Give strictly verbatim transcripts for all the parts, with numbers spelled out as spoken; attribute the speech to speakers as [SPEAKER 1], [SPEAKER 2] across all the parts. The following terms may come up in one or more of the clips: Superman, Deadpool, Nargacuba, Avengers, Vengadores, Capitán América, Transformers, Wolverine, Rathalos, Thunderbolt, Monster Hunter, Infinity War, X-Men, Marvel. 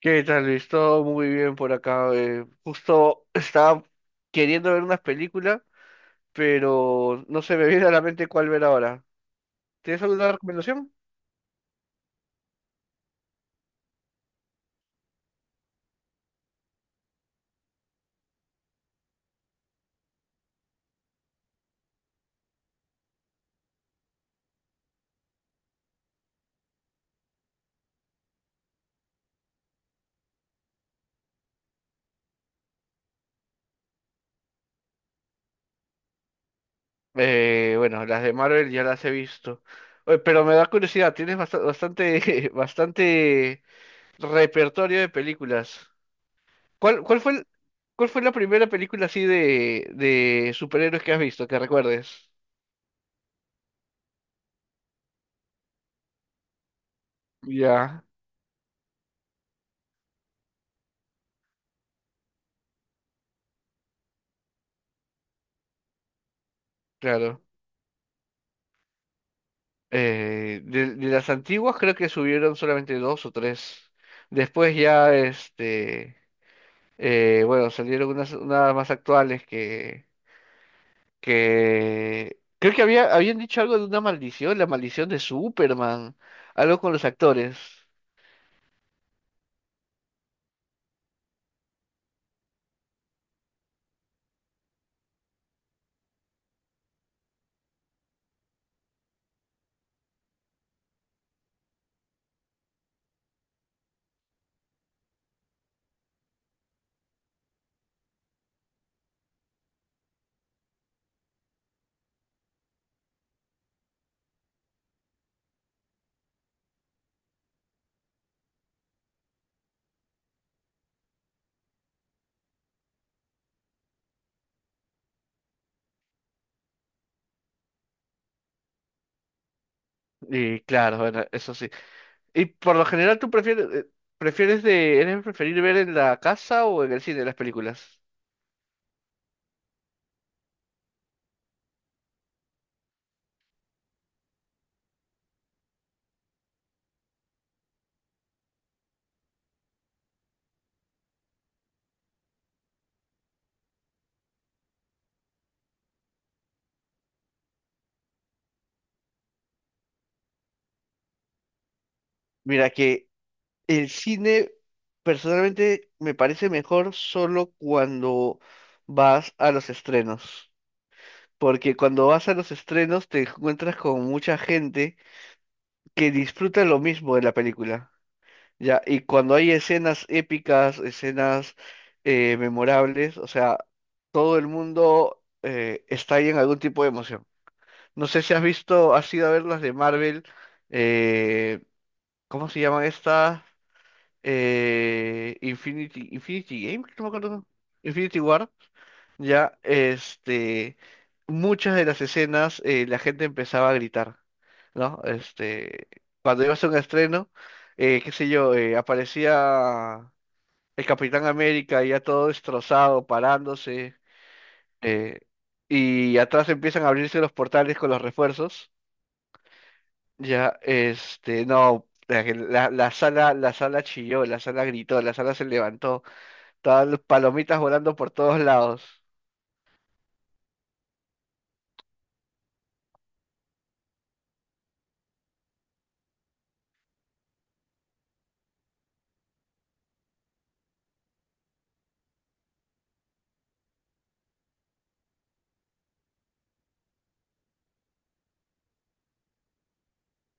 [SPEAKER 1] ¿Qué tal, Luis? Todo muy bien por acá. Eh, justo estaba queriendo ver unas películas, pero no se me viene a la mente cuál ver ahora. ¿Tienes alguna recomendación? Eh, bueno, las de Marvel ya las he visto. Oye, pero me da curiosidad, tienes bast- bastante, bastante repertorio de películas. ¿Cuál, cuál fue el- ¿Cuál fue la primera película así de, de superhéroes que has visto, que recuerdes? Ya, claro. Eh, de, de las antiguas creo que subieron solamente dos o tres. Después ya, este, eh, bueno, salieron unas, unas más actuales que, que creo que había, habían dicho algo de una maldición, la maldición de Superman, algo con los actores. Y claro, bueno, eso sí. Y por lo general, ¿tú prefieres, eh, ¿prefieres de, eres preferir ver en la casa o en el cine las películas? Mira que el cine personalmente me parece mejor solo cuando vas a los estrenos, porque cuando vas a los estrenos te encuentras con mucha gente que disfruta lo mismo de la película, ¿ya? Y cuando hay escenas épicas, escenas eh, memorables, o sea, todo el mundo eh, está ahí en algún tipo de emoción. No sé si has visto, has ido a ver las de Marvel, eh, ¿cómo se llaman estas? eh, Infinity, Infinity Game, no me acuerdo. Infinity War, ya, este, muchas de las escenas eh, la gente empezaba a gritar, ¿no? Este, cuando iba a hacer un estreno, eh, qué sé yo, eh, aparecía el Capitán América ya todo destrozado, parándose, eh, y atrás empiezan a abrirse los portales con los refuerzos, ya, este, no, la, la la sala, la sala chilló, la sala gritó, la sala se levantó. Estaban palomitas volando por todos lados.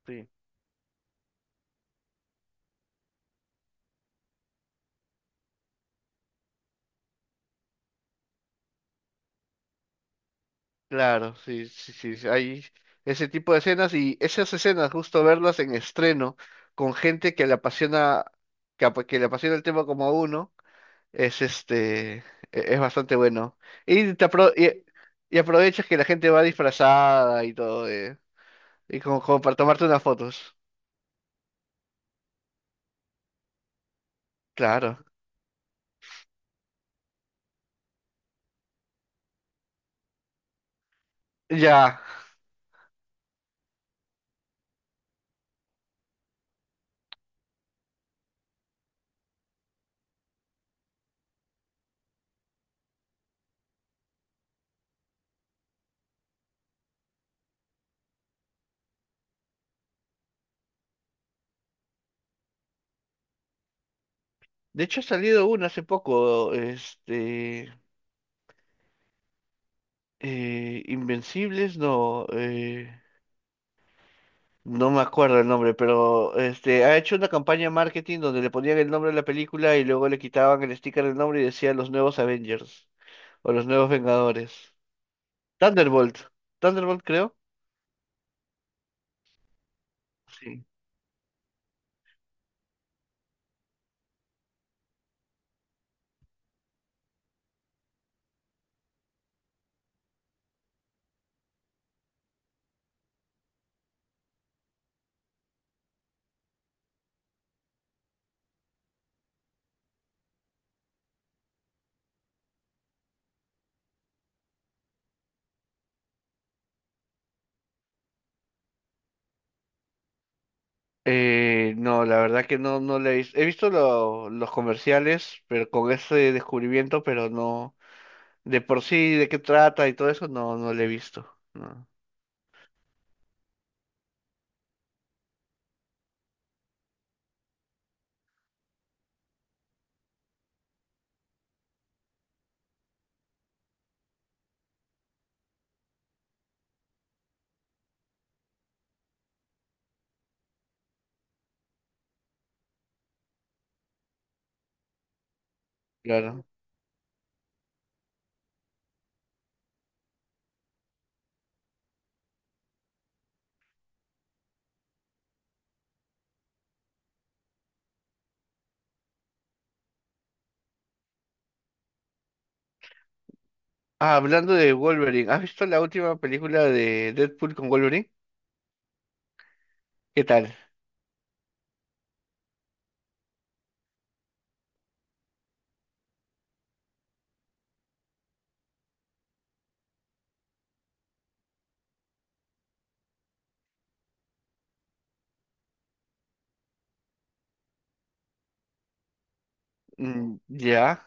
[SPEAKER 1] Sí, claro, sí, sí, sí. Sí, hay ese tipo de escenas y esas escenas, justo verlas en estreno con gente que le apasiona, que, apa- que le apasiona el tema como a uno, es este, e- es bastante bueno. Y, te apro- y, y aprovechas que la gente va disfrazada y todo, eh, y como, como para tomarte unas fotos. Claro. Ya. De hecho, ha salido una hace poco, este, eh, Invencibles, no. eh, No me acuerdo el nombre, pero este ha hecho una campaña de marketing donde le ponían el nombre de la película y luego le quitaban el sticker del nombre y decía los nuevos Avengers o los nuevos Vengadores. Thunderbolt. Thunderbolt creo. Sí. Eh, no, la verdad que no, no le he visto. He visto lo- los comerciales, pero con ese descubrimiento, pero no, de por sí, de qué trata y todo eso, no, no le he visto. No, claro. Ah, hablando de Wolverine, ¿has visto la última película de Deadpool con Wolverine? ¿Qué tal? Mm, ya,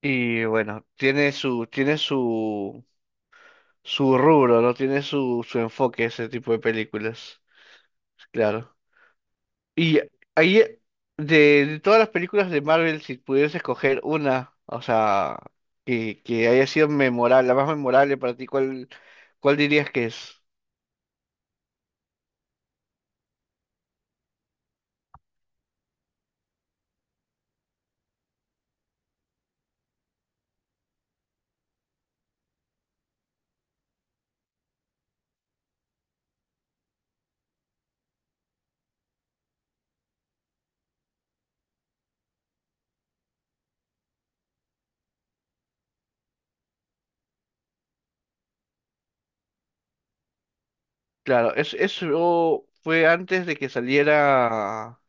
[SPEAKER 1] y bueno, tiene su, tiene su, su rubro, ¿no? Tiene su, su enfoque ese tipo de películas, claro. Y ahí, de, de todas las películas de Marvel, si pudieras escoger una, o sea, que, que haya sido memorable, la más memorable para ti, ¿cuál, ¿cuál dirías que es? Claro, es, eso fue antes de que saliera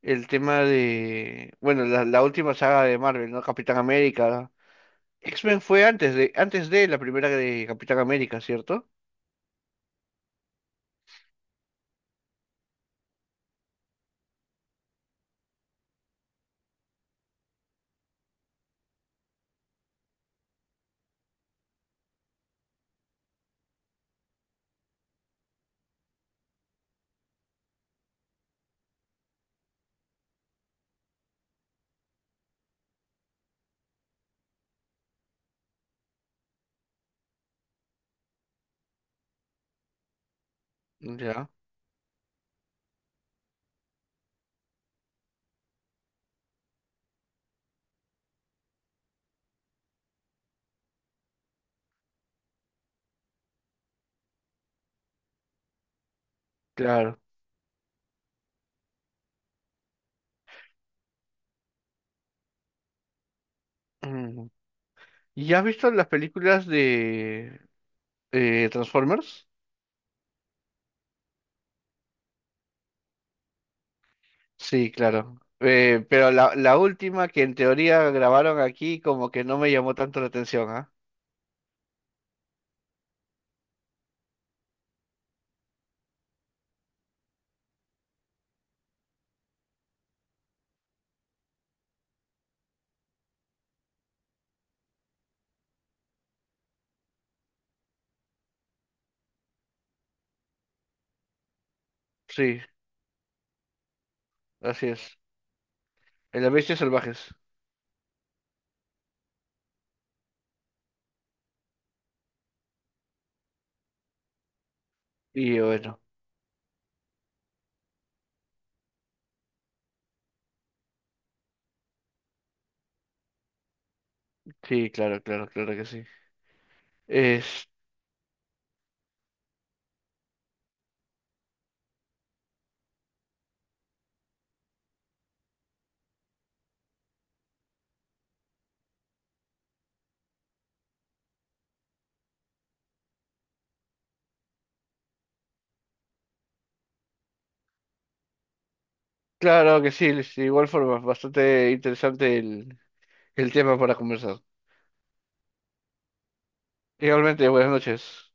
[SPEAKER 1] el tema de, bueno, la, la última saga de Marvel, ¿no? Capitán América. X-Men fue antes de, antes de la primera de Capitán América, ¿cierto? Ya, claro. Mm. ¿Y has visto las películas de eh, Transformers? Sí, claro. Eh, pero la, la última que en teoría grabaron aquí como que no me llamó tanto la atención, ¿ah? Sí, así es. En las bestias salvajes. Y bueno, sí, claro, claro, claro que sí. Es, claro que sí, es igual forma, bastante interesante el, el tema para conversar. Igualmente, buenas noches.